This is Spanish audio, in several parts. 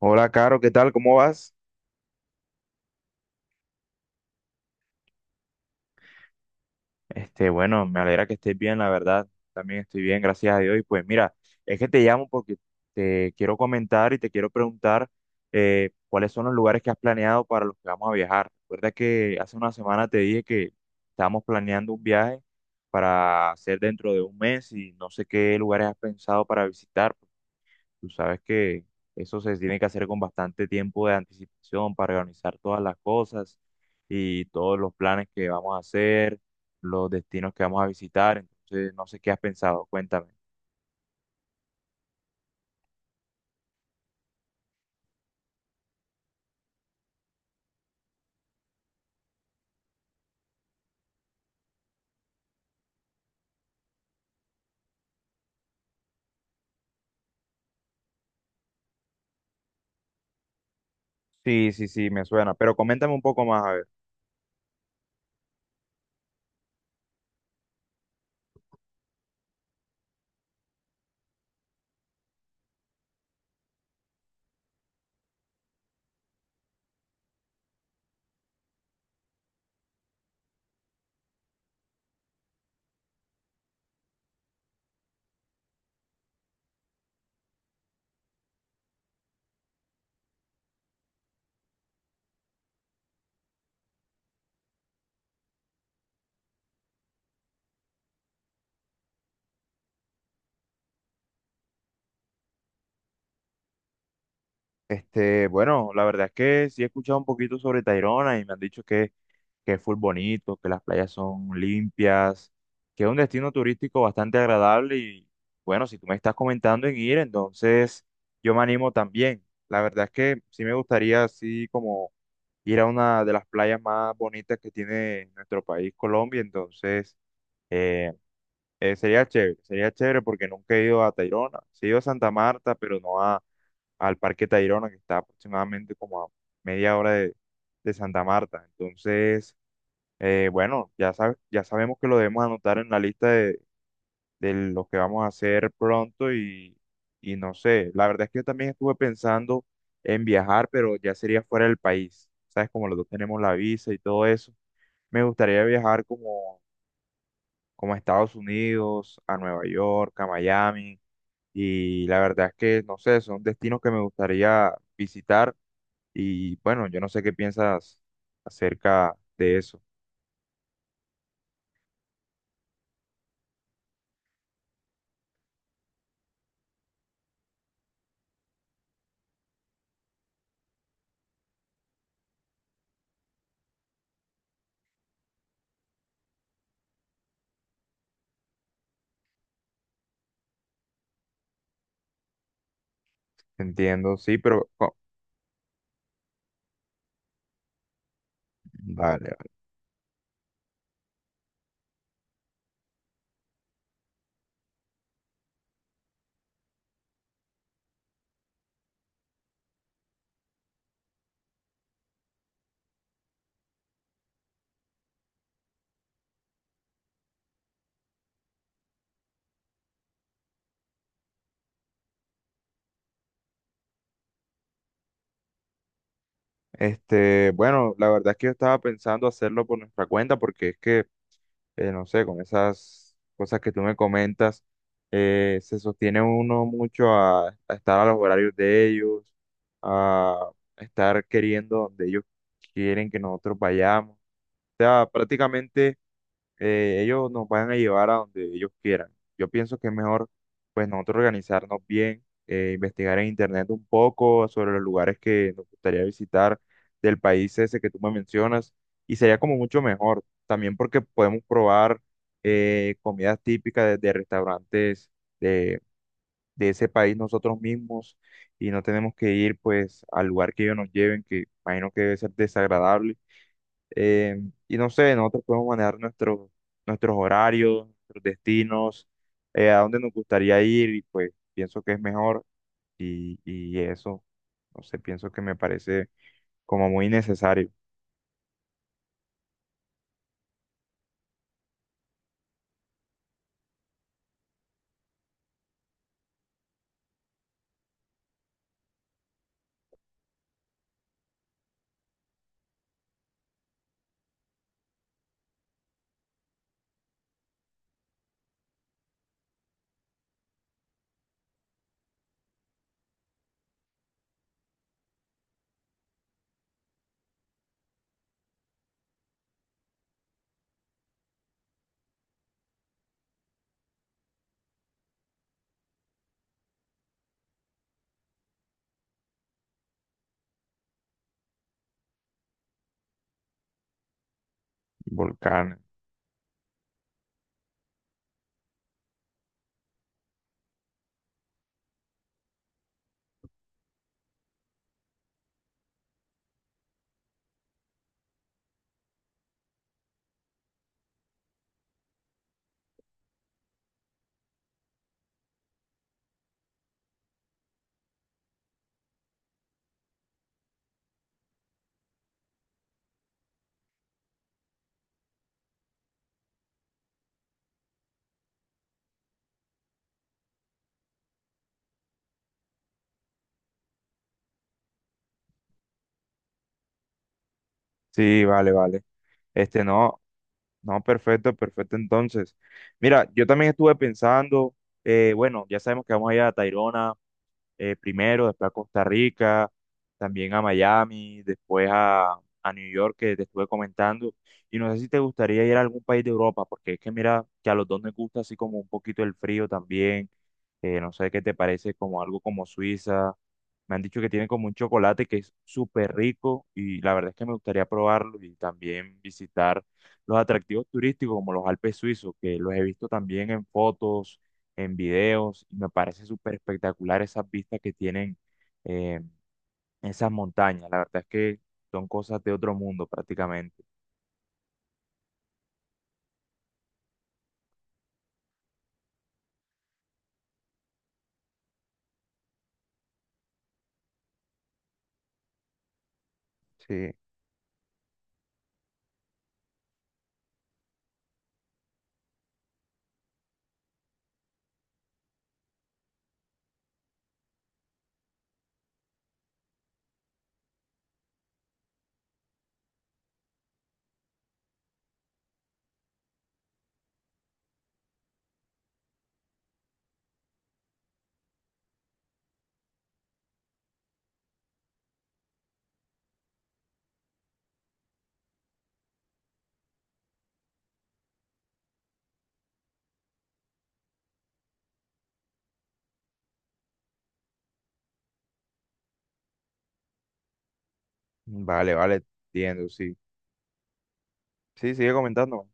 Hola, Caro, ¿qué tal? ¿Cómo vas? Bueno, me alegra que estés bien, la verdad. También estoy bien, gracias a Dios. Y pues mira, es que te llamo porque te quiero comentar y te quiero preguntar cuáles son los lugares que has planeado para los que vamos a viajar. Recuerda que hace una semana te dije que estábamos planeando un viaje para hacer dentro de un mes y no sé qué lugares has pensado para visitar. Tú sabes que eso se tiene que hacer con bastante tiempo de anticipación para organizar todas las cosas y todos los planes que vamos a hacer, los destinos que vamos a visitar. Entonces, no sé qué has pensado, cuéntame. Sí, sí, sí, me suena, pero coméntame un poco más, a ver. Bueno, la verdad es que sí he escuchado un poquito sobre Tayrona y me han dicho que es full bonito, que las playas son limpias, que es un destino turístico bastante agradable y bueno, si tú me estás comentando en ir, entonces yo me animo también. La verdad es que sí me gustaría así como ir a una de las playas más bonitas que tiene nuestro país, Colombia. Entonces eh, sería chévere porque nunca he ido a Tayrona, sí he ido a Santa Marta, pero no a, al Parque Tayrona, que está aproximadamente como a media hora de Santa Marta, entonces... bueno, ya sabes, ya sabemos que lo debemos anotar en la lista de lo que vamos a hacer pronto y no sé, la verdad es que yo también estuve pensando en viajar, pero ya sería fuera del país. Sabes, como los dos tenemos la visa y todo eso, me gustaría viajar como a Estados Unidos, a Nueva York, a Miami, y la verdad es que, no sé, son destinos que me gustaría visitar, y bueno, yo no sé qué piensas acerca de eso. Entiendo, sí, pero... Vale, Este, bueno, la verdad es que yo estaba pensando hacerlo por nuestra cuenta porque es que, no sé, con esas cosas que tú me comentas, se sostiene uno mucho a estar a los horarios de ellos, a estar queriendo donde ellos quieren que nosotros vayamos. O sea, prácticamente ellos nos van a llevar a donde ellos quieran. Yo pienso que es mejor, pues, nosotros organizarnos bien, investigar en internet un poco sobre los lugares que nos gustaría visitar del país ese que tú me mencionas, y sería como mucho mejor, también porque podemos probar comidas típicas de restaurantes de, de ese país nosotros mismos, y no tenemos que ir, pues, al lugar que ellos nos lleven, que imagino que debe ser desagradable eh, y no sé, nosotros podemos manejar nuestros nuestros horarios, nuestros destinos, a dónde nos gustaría ir y pues pienso que es mejor y eso, no sé, pienso que me parece como muy necesario. Volcán. Sí, vale, vale. No, no, perfecto, perfecto entonces. Mira, yo también estuve pensando, bueno, ya sabemos que vamos a ir a Tayrona, primero, después a Costa Rica, también a Miami, después a New York, que te estuve comentando. Y no sé si te gustaría ir a algún país de Europa, porque es que mira que a los dos nos gusta así como un poquito el frío también. No sé qué te parece, como algo como Suiza. Me han dicho que tiene como un chocolate que es súper rico y la verdad es que me gustaría probarlo y también visitar los atractivos turísticos como los Alpes suizos, que los he visto también en fotos, en videos, y me parece súper espectacular esas vistas que tienen eh, esas montañas. La verdad es que son cosas de otro mundo prácticamente. Sí, vale, vale, entiendo, sí. Sí, sigue comentando.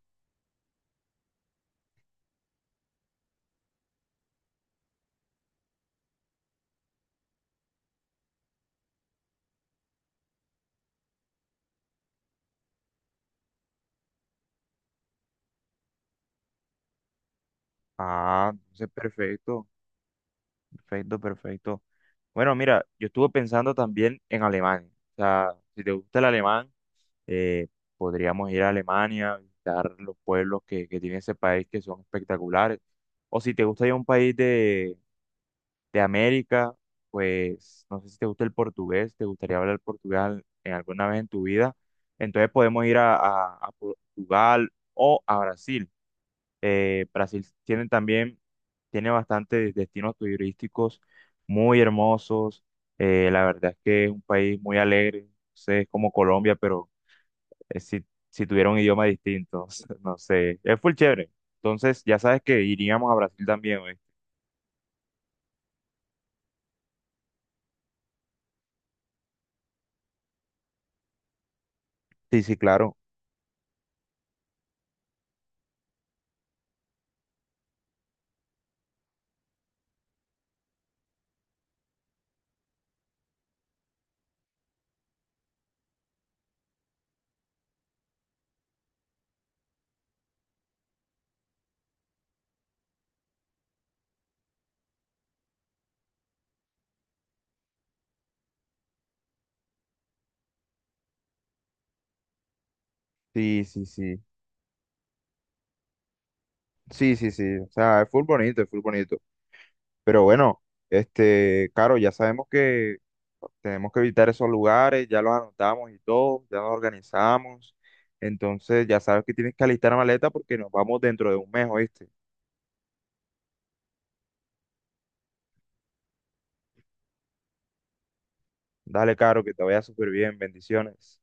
Ah, entonces perfecto, perfecto, perfecto. Bueno, mira, yo estuve pensando también en Alemania. O sea, si te gusta el alemán, eh, podríamos ir a Alemania, visitar los pueblos que tiene ese país, que son espectaculares. O si te gusta ir a un país de América, pues no sé si te gusta el portugués, te gustaría hablar portugal en alguna vez en tu vida, entonces podemos ir a, a Portugal o a Brasil. Brasil tiene también, tiene bastantes destinos turísticos muy hermosos. La verdad es que es un país muy alegre, no sé, es como Colombia, pero si tuviera un idioma distinto, no sé, es full chévere. Entonces, ya sabes que iríamos a Brasil también, ¿oíste? Sí, sí, claro. Sí, sí, sí. Sí, sí, sí. O sea, es full bonito, es full bonito. Pero bueno, claro, ya sabemos que tenemos que evitar esos lugares, ya los anotamos y todo, ya nos organizamos. Entonces, ya sabes que tienes que alistar la maleta porque nos vamos dentro de un mes, ¿oíste? Dale, Caro, que te vaya súper bien. Bendiciones.